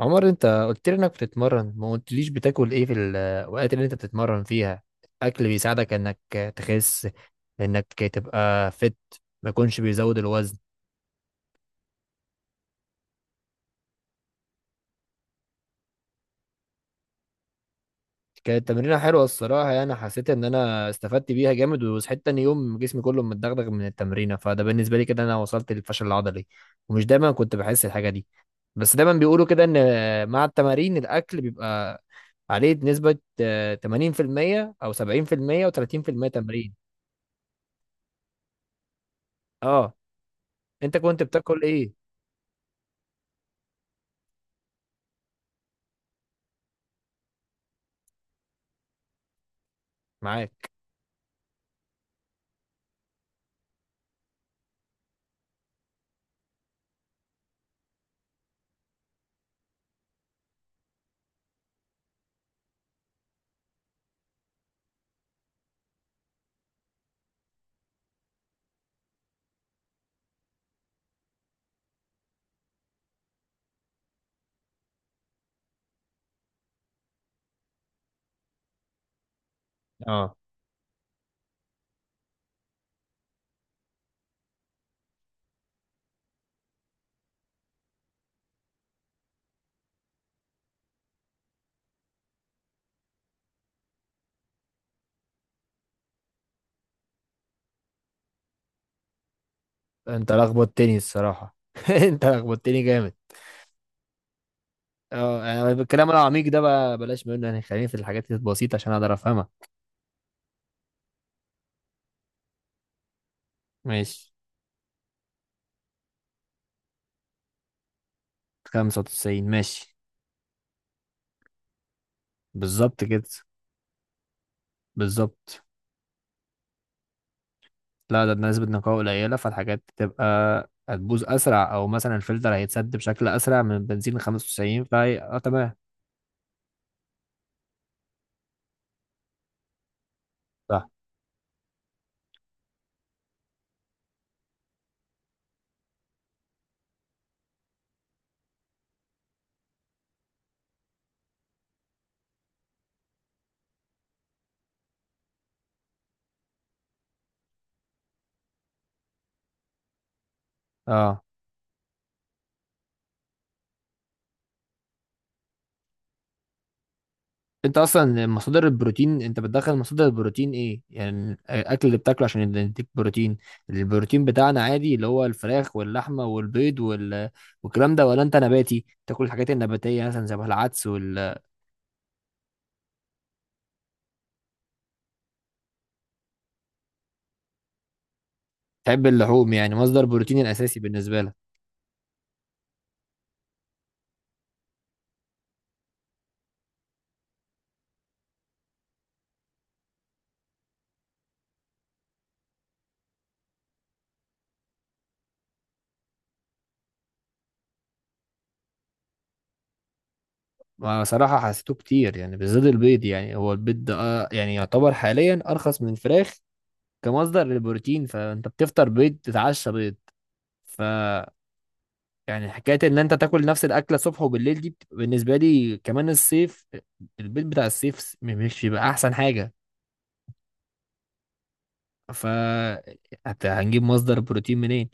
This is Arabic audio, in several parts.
عمر، انت قلت لي انك بتتمرن، ما قلتليش بتاكل ايه في الاوقات اللي انت بتتمرن فيها؟ الاكل بيساعدك انك تخس، انك تبقى فت، ما يكونش بيزود الوزن. كانت تمرينة حلوة الصراحة، يعني حسيت ان انا استفدت بيها جامد، وصحيت تاني يوم جسمي كله متدغدغ من التمرينة، فده بالنسبة لي كده انا وصلت للفشل العضلي. ومش دايما كنت بحس الحاجة دي. بس دايما بيقولوا كده ان مع التمارين الاكل بيبقى عليه نسبة 80% او 70% و30% تمرين. اه، انت كنت بتاكل ايه؟ معاك. اه، انت لخبطتني الصراحه انت لخبطتني جامد. اه، يعني الكلام العميق ده بقى بلاش منه، يعني خليني في الحاجات البسيطه عشان اقدر افهمها. ماشي. 95 ماشي. بالظبط كده. بالظبط. لا، ده بنسبة نقاء قليلة، فالحاجات تبقى هتبوظ أسرع، أو مثلا الفلتر هيتسد بشكل أسرع من بنزين 95، فهي اه تمام. صح. اه، انت اصلا مصادر البروتين، انت بتدخل مصادر البروتين ايه؟ يعني الاكل اللي بتاكله عشان يديك بروتين. البروتين بتاعنا عادي اللي هو الفراخ واللحمه والبيض والكلام ده، ولا انت نباتي تاكل الحاجات النباتيه مثلا زي العدس وال. تحب اللحوم، يعني مصدر بروتين الاساسي بالنسبه لك. ما صراحه حسيته كتير، يعني بالذات البيض، يعني هو البيض ده اه يعني يعتبر حاليا ارخص من الفراخ كمصدر للبروتين. فانت بتفطر بيض، تتعشى بيض، يعني حكاية إن أنت تاكل نفس الأكلة الصبح وبالليل دي بتبقى بالنسبة لي كمان الصيف. البيت بتاع الصيف مش بيبقى أحسن حاجة. ف حتى هنجيب مصدر بروتين منين؟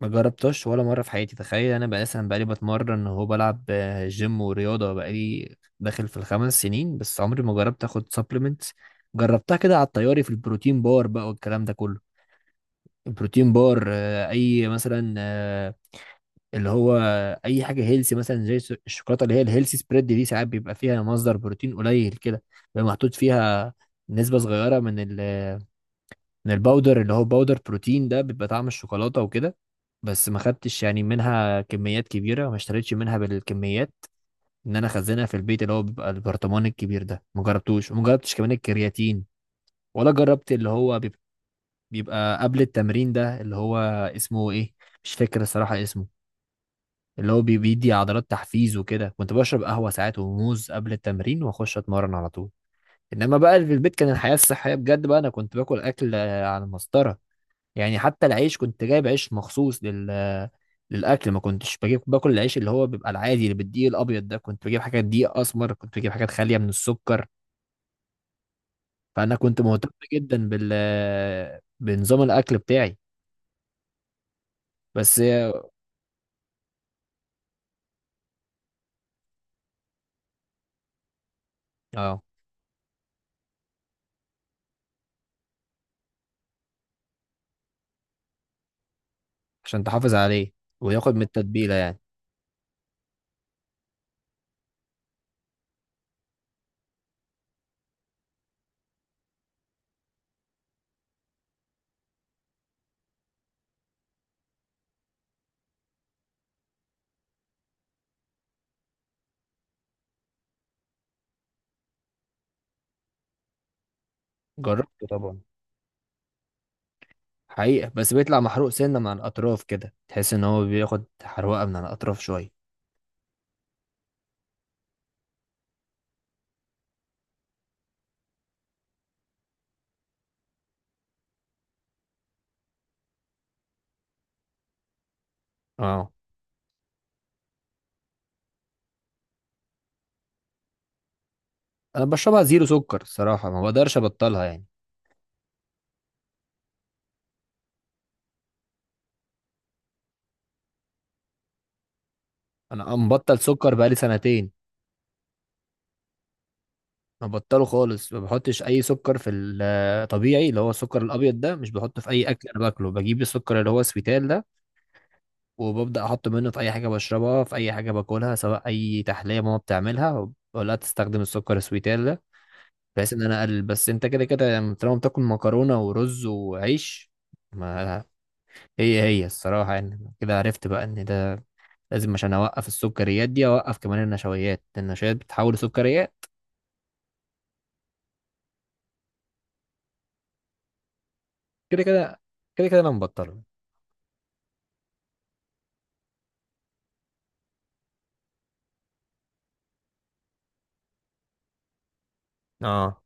ما جربتش ولا مرة في حياتي، تخيل. أنا بقى أصلا بقالي بتمرن، هو بلعب جيم ورياضة، بقالي داخل في ال5 سنين، بس عمري ما جربت آخد سبلمنت. جربتها كده على الطياري في البروتين بار بقى والكلام ده كله. البروتين بار أي مثلا اللي هو اي حاجه هيلسي، مثلا زي الشوكولاته اللي هي الهيلسي سبريد دي، ساعات بيبقى فيها مصدر بروتين قليل كده، بيبقى محطوط فيها نسبه صغيره من الباودر اللي هو باودر بروتين ده، بيبقى طعم الشوكولاته وكده. بس ما خدتش يعني منها كميات كبيره، ما اشتريتش منها بالكميات ان انا اخزنها في البيت اللي هو بيبقى البرطمان الكبير ده، ما جربتوش. وما جربتش كمان الكرياتين، ولا جربت اللي هو بيبقى قبل التمرين ده اللي هو اسمه ايه، مش فاكر الصراحه اسمه، اللي هو بيدي عضلات تحفيز وكده. كنت بشرب قهوة ساعات وموز قبل التمرين واخش اتمرن على طول. انما بقى اللي في البيت كان الحياة الصحية بجد بقى، انا كنت باكل اكل على المسطرة، يعني حتى العيش كنت جايب عيش مخصوص لل آه، للاكل، ما كنتش بجيب باكل العيش اللي هو بيبقى العادي اللي بالدقيق الابيض ده، كنت بجيب حاجات دقيق اسمر، كنت بجيب حاجات خالية من السكر. فانا كنت مهتم جدا بال آه، بنظام الاكل بتاعي. بس اه، آه، عشان تحافظ عليه وياخد من التتبيلة يعني. جربته طبعا. حقيقة بس بيطلع محروق سنة من على الأطراف كده، تحس إن هو بياخد حروقة من على الأطراف شوية. اه. أنا بشربها زيرو سكر الصراحة، ما بقدرش أبطلها يعني. أنا مبطل سكر بقالي سنتين. ما بطله خالص، ما بحطش أي سكر في الطبيعي اللي هو السكر الأبيض ده، مش بحطه في أي أكل أنا باكله، بجيب السكر اللي هو سويتال ده وببدأ أحطه منه في أي حاجة بشربها، في أي حاجة باكلها، سواء أي تحلية ماما بتعملها ولا تستخدم السكر السويتال ده، بحيث ان انا اقلل. بس انت كده كده يعني طالما بتاكل مكرونه ورز وعيش، ما هي الصراحه يعني كده عرفت بقى ان ده لازم عشان اوقف السكريات دي، اوقف كمان النشويات. النشويات بتتحول لسكريات. كده كده، كده كده انا مبطله. اه.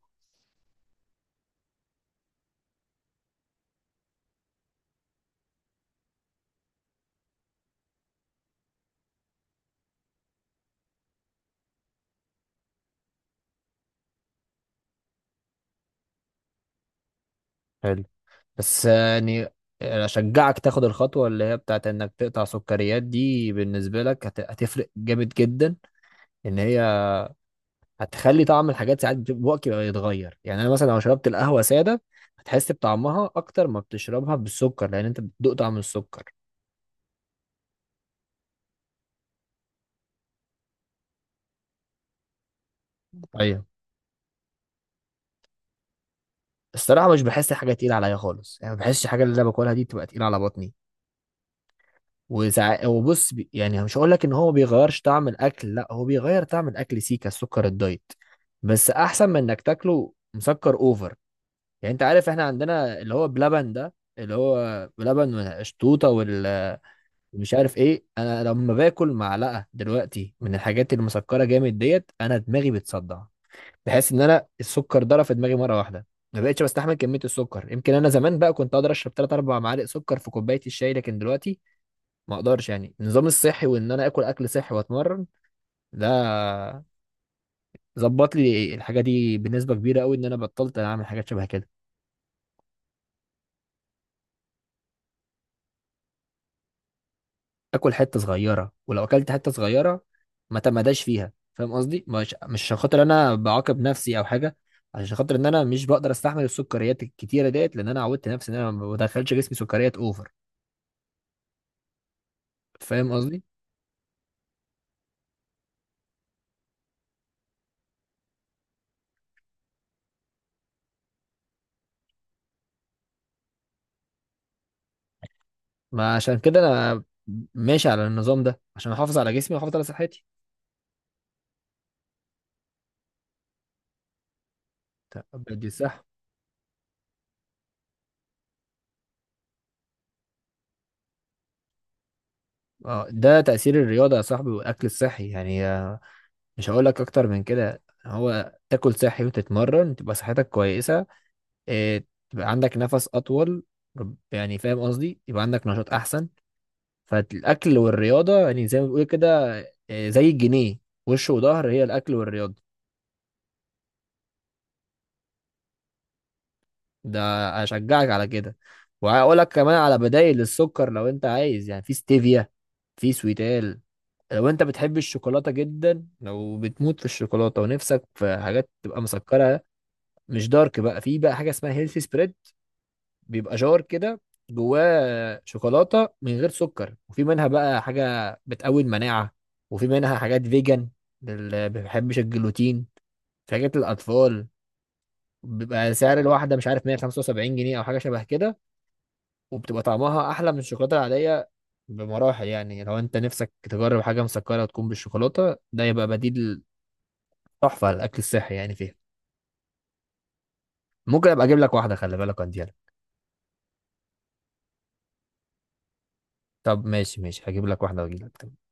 حلو. بس يعني اشجعك تاخد الخطوه اللي هي بتاعت انك تقطع سكريات دي، بالنسبه لك هتفرق جامد جدا. ان هي هتخلي طعم الحاجات ساعات بوقت بيبقى يتغير، يعني انا مثلا لو شربت القهوه ساده هتحس بطعمها اكتر ما بتشربها بالسكر، لان انت بتدوق طعم السكر. ايوه. الصراحه مش بحس حاجه تقيله عليا خالص، يعني ما بحسش الحاجه اللي انا باكلها دي تبقى تقيله على بطني. وساعات وبص، يعني مش هقول لك ان هو ما بيغيرش طعم الاكل، لا هو بيغير طعم الاكل سيكا السكر الدايت، بس احسن من انك تاكله مسكر اوفر. يعني انت عارف احنا عندنا اللي هو بلبن ده، اللي هو بلبن والقشطوطه وال، مش عارف ايه. انا لما باكل معلقه دلوقتي من الحاجات المسكره جامد ديت، انا دماغي بتصدع، بحس ان انا السكر ضرب في دماغي مره واحده. ما بقتش بستحمل كميه السكر. يمكن انا زمان بقى كنت اقدر اشرب 3 4 معالق سكر في كوبايه الشاي، لكن دلوقتي ما اقدرش. يعني النظام الصحي وان انا اكل اكل صحي واتمرن ده، ظبط لي الحاجه دي بنسبه كبيره قوي، ان انا بطلت اعمل حاجات شبه كده. اكل حته صغيره، ولو اكلت حته صغيره ما تمداش فيها، فاهم قصدي؟ مش عشان خاطر انا بعاقب نفسي او حاجه، عشان خاطر ان انا مش بقدر استحمل السكريات الكتيره ديت، لان انا عودت نفسي ان انا ما بدخلش جسمي سكريات اوفر. فاهم قصدي. ما عشان كده انا ماشي على النظام ده عشان احافظ على جسمي واحافظ على صحتي. طب دي صح. اه، ده تأثير الرياضة يا صاحبي والأكل الصحي، يعني مش هقول لك أكتر من كده، هو تاكل صحي وتتمرن تبقى صحتك كويسة، آه، تبقى عندك نفس اطول، يعني فاهم قصدي، يبقى عندك نشاط احسن. فالاكل والرياضه يعني زي ما بيقول كده، زي الجنيه وش وظهر، هي الاكل والرياضه. ده اشجعك على كده. وهقول لك كمان على بدائل السكر لو انت عايز، يعني في ستيفيا، في سويتال. لو انت بتحب الشوكولاته جدا، لو بتموت في الشوكولاته ونفسك في حاجات تبقى مسكره، مش دارك بقى، في بقى حاجه اسمها هيلثي سبريد. بيبقى جار كده جواه شوكولاته من غير سكر، وفي منها بقى حاجه بتقوي المناعه، وفي منها حاجات فيجن اللي ما بيحبش الجلوتين، في حاجات الاطفال. بيبقى سعر الواحده، مش عارف، 175 جنيه او حاجه شبه كده. وبتبقى طعمها احلى من الشوكولاته العاديه بمراحل يعني لو انت نفسك تجرب حاجه مسكره وتكون بالشوكولاته ده، يبقى بديل تحفه للاكل الصحي يعني فيها. ممكن ابقى اجيب لك واحده، خلي بالك عندي. طب ماشي، ماشي هجيب لك واحده واجيب لك.